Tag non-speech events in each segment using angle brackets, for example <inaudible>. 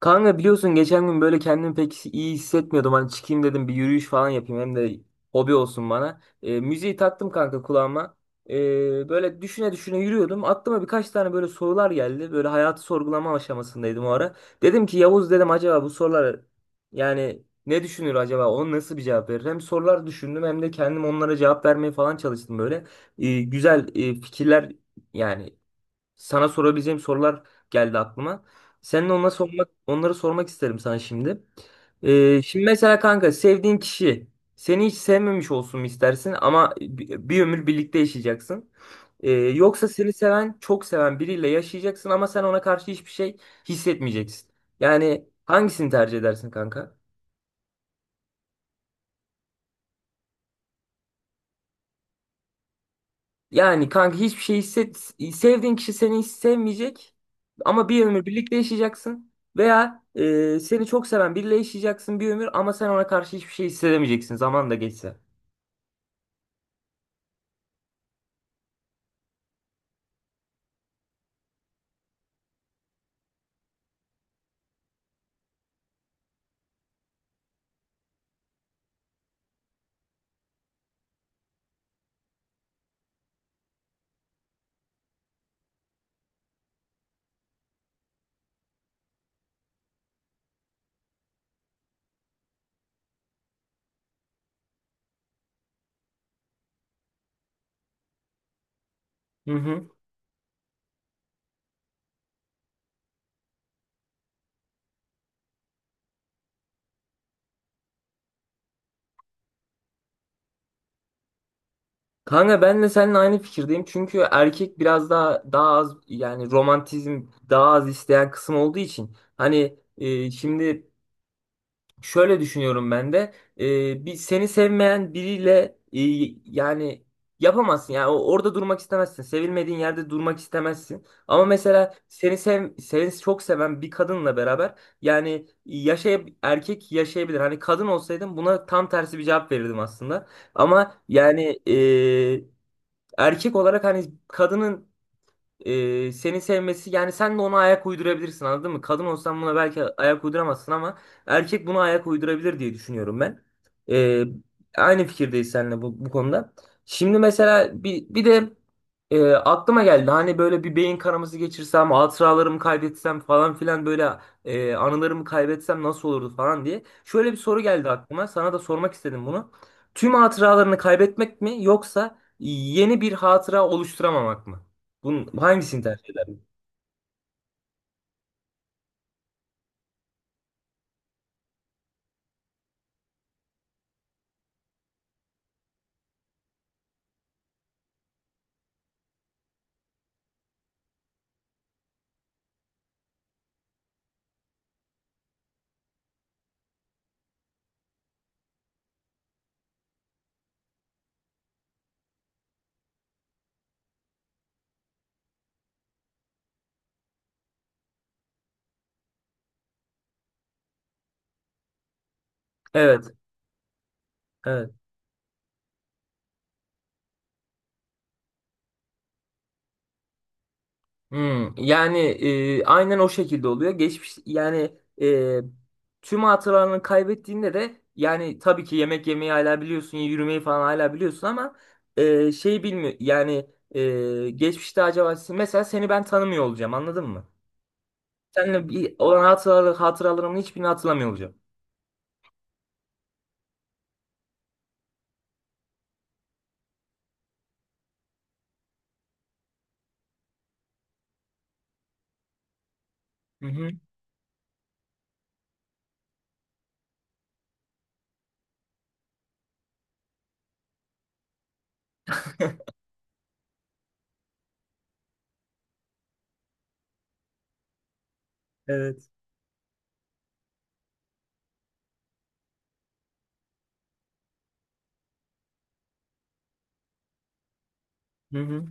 Kanka biliyorsun geçen gün böyle kendimi pek iyi hissetmiyordum. Hani çıkayım dedim bir yürüyüş falan yapayım hem de hobi olsun bana. Müziği taktım kanka kulağıma. Böyle düşüne düşüne yürüyordum. Aklıma birkaç tane böyle sorular geldi. Böyle hayatı sorgulama aşamasındaydım o ara. Dedim ki Yavuz dedim acaba bu sorular yani ne düşünür acaba? Onu nasıl bir cevap verir? Hem sorular düşündüm hem de kendim onlara cevap vermeye falan çalıştım böyle. Güzel fikirler yani sana sorabileceğim sorular geldi aklıma. Seninle onları sormak, onları sormak isterim sana şimdi. Şimdi mesela kanka sevdiğin kişi seni hiç sevmemiş olsun mu istersin ama bir ömür birlikte yaşayacaksın. Yoksa seni seven, çok seven biriyle yaşayacaksın ama sen ona karşı hiçbir şey hissetmeyeceksin. Yani hangisini tercih edersin kanka? Yani kanka hiçbir şey hisset sevdiğin kişi seni hiç sevmeyecek ama bir ömür birlikte yaşayacaksın veya seni çok seven biriyle yaşayacaksın bir ömür ama sen ona karşı hiçbir şey hissedemeyeceksin zaman da geçse. Hı hı. Kanka ben de seninle aynı fikirdeyim çünkü erkek biraz daha az yani romantizm daha az isteyen kısım olduğu için hani şimdi şöyle düşünüyorum ben de. Bir seni sevmeyen biriyle yani yapamazsın. Yani orada durmak istemezsin. Sevilmediğin yerde durmak istemezsin. Ama mesela seni çok seven bir kadınla beraber yani erkek yaşayabilir. Hani kadın olsaydım buna tam tersi bir cevap verirdim aslında. Ama yani e, erkek olarak hani kadının seni sevmesi yani sen de ona ayak uydurabilirsin anladın mı? Kadın olsan buna belki ayak uyduramazsın ama erkek buna ayak uydurabilir diye düşünüyorum ben. E, Aynı fikirdeyiz seninle bu konuda. Şimdi mesela bir de aklıma geldi hani böyle bir beyin kanaması geçirsem, hatıralarımı kaybetsem falan filan böyle anılarımı kaybetsem nasıl olurdu falan diye. Şöyle bir soru geldi aklıma. Sana da sormak istedim bunu. Tüm hatıralarını kaybetmek mi yoksa yeni bir hatıra oluşturamamak mı? Bunun hangisini tercih ederdin? Evet, evet. Hmm, yani aynen o şekilde oluyor. Geçmiş yani tüm hatıralarını kaybettiğinde de yani tabii ki yemek yemeyi hala biliyorsun, yürümeyi falan hala biliyorsun ama şey bilmiyor yani geçmişte acaba mesela seni ben tanımıyor olacağım anladın mı? Seninle bir olan hatıraları, hatıralarımın hiçbirini hatırlamıyor olacağım. Hı hı. Evet. Hı hı.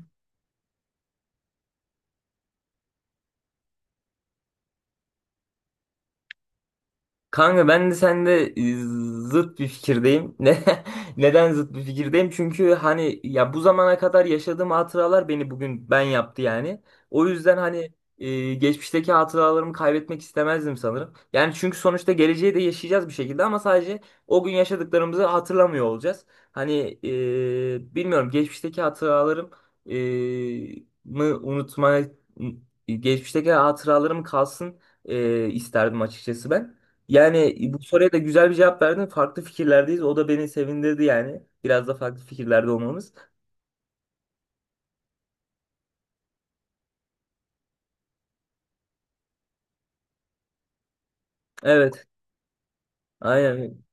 Kanka ben de sende zıt bir fikirdeyim. <laughs> Neden zıt bir fikirdeyim? Çünkü hani ya bu zamana kadar yaşadığım hatıralar beni bugün ben yaptı yani. O yüzden hani geçmişteki hatıralarımı kaybetmek istemezdim sanırım. Yani çünkü sonuçta geleceği de yaşayacağız bir şekilde ama sadece o gün yaşadıklarımızı hatırlamıyor olacağız. Hani e, bilmiyorum geçmişteki hatıralarım e, mı unutma geçmişteki hatıralarım kalsın isterdim açıkçası ben. Yani bu soruya da güzel bir cevap verdin. Farklı fikirlerdeyiz. O da beni sevindirdi yani. Biraz da farklı fikirlerde olmamız. Evet. Aynen.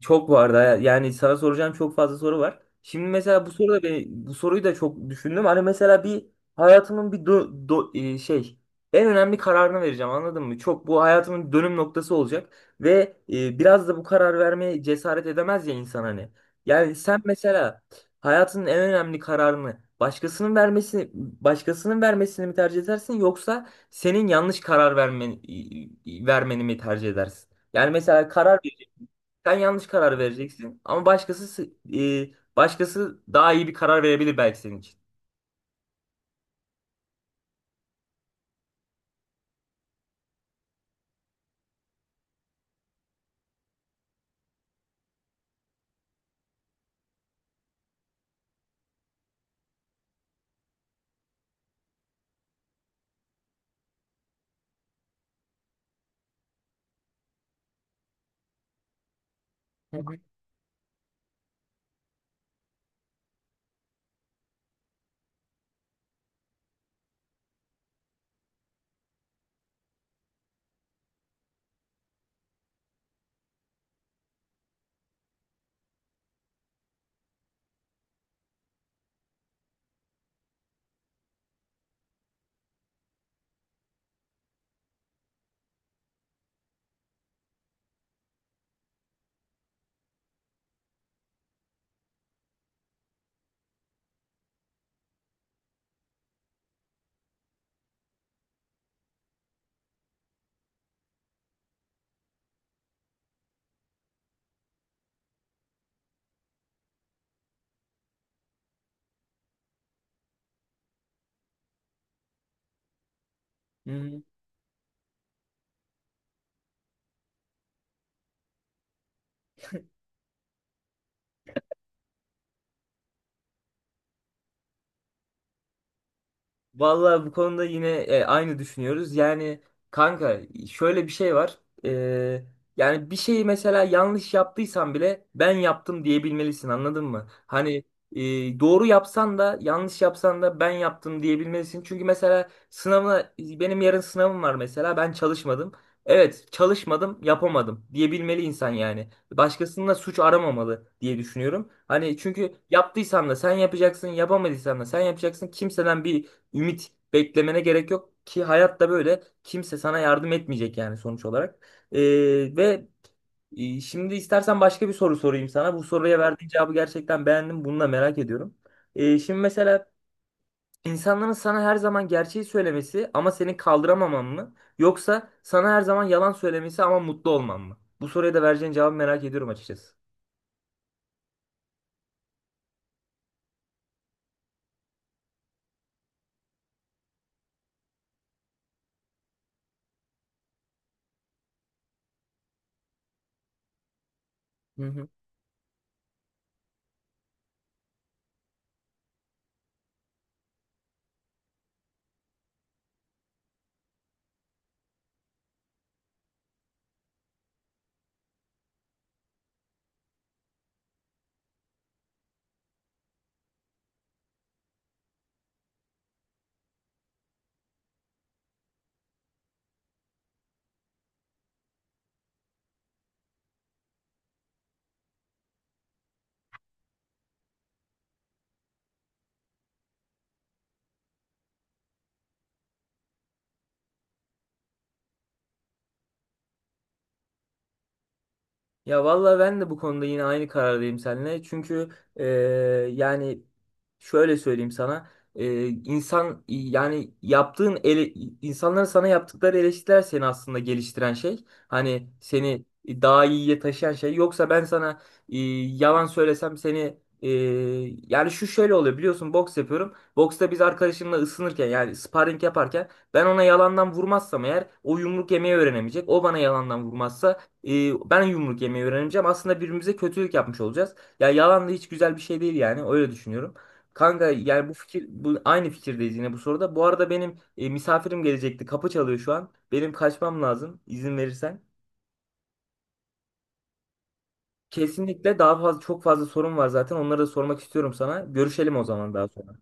Çok vardı. Yani sana soracağım çok fazla soru var. Şimdi mesela bu soru da beni, bu soruyu da çok düşündüm. Hani mesela bir hayatımın bir do, do- e, şey en önemli kararını vereceğim anladın mı? Çok bu hayatımın dönüm noktası olacak ve biraz da bu karar vermeye cesaret edemez ya insan hani. Yani sen mesela hayatının en önemli kararını başkasının vermesini mi tercih edersin yoksa senin vermeni mi tercih edersin? Yani mesela karar sen yanlış karar vereceksin ama başkası daha iyi bir karar verebilir belki senin için. Hı hı. Hmm. Vallahi bu konuda yine aynı düşünüyoruz. Yani kanka şöyle bir şey var. E, Yani bir şeyi mesela yanlış yaptıysan bile ben yaptım diyebilmelisin anladın mı? Hani e, doğru yapsan da yanlış yapsan da ben yaptım diyebilmelisin. Çünkü mesela sınavına benim yarın sınavım var mesela ben çalışmadım. Evet çalışmadım yapamadım diyebilmeli insan yani. Başkasında suç aramamalı diye düşünüyorum. Hani çünkü yaptıysan da sen yapacaksın yapamadıysan da sen yapacaksın kimseden bir ümit beklemene gerek yok ki hayatta böyle kimse sana yardım etmeyecek yani sonuç olarak. Ee, ve Şimdi istersen başka bir soru sorayım sana. Bu soruya verdiğin cevabı gerçekten beğendim. Bunu da merak ediyorum. Şimdi mesela insanların sana her zaman gerçeği söylemesi ama seni kaldıramaman mı? Yoksa sana her zaman yalan söylemesi ama mutlu olman mı? Bu soruya da vereceğin cevabı merak ediyorum açıkçası. Hı hı. Ya vallahi ben de bu konuda yine aynı karardayım seninle. Çünkü e, yani şöyle söyleyeyim sana. İnsan yani insanların sana yaptıkları eleştiriler seni aslında geliştiren şey. Hani seni daha iyiye taşıyan şey. Yoksa ben sana e, yalan söylesem e, yani şu şöyle oluyor biliyorsun boks yapıyorum. Boksta biz arkadaşımla ısınırken yani sparring yaparken ben ona yalandan vurmazsam eğer o yumruk yemeyi öğrenemeyecek. O bana yalandan vurmazsa ben yumruk yemeyi öğreneceğim. Aslında birbirimize kötülük yapmış olacağız. Ya yalan da hiç güzel bir şey değil yani. Öyle düşünüyorum. Kanka yani bu aynı fikirdeyiz yine bu soruda. Bu arada benim misafirim gelecekti. Kapı çalıyor şu an. Benim kaçmam lazım izin verirsen. Kesinlikle daha fazla çok fazla sorun var zaten. Onları da sormak istiyorum sana. Görüşelim o zaman daha sonra.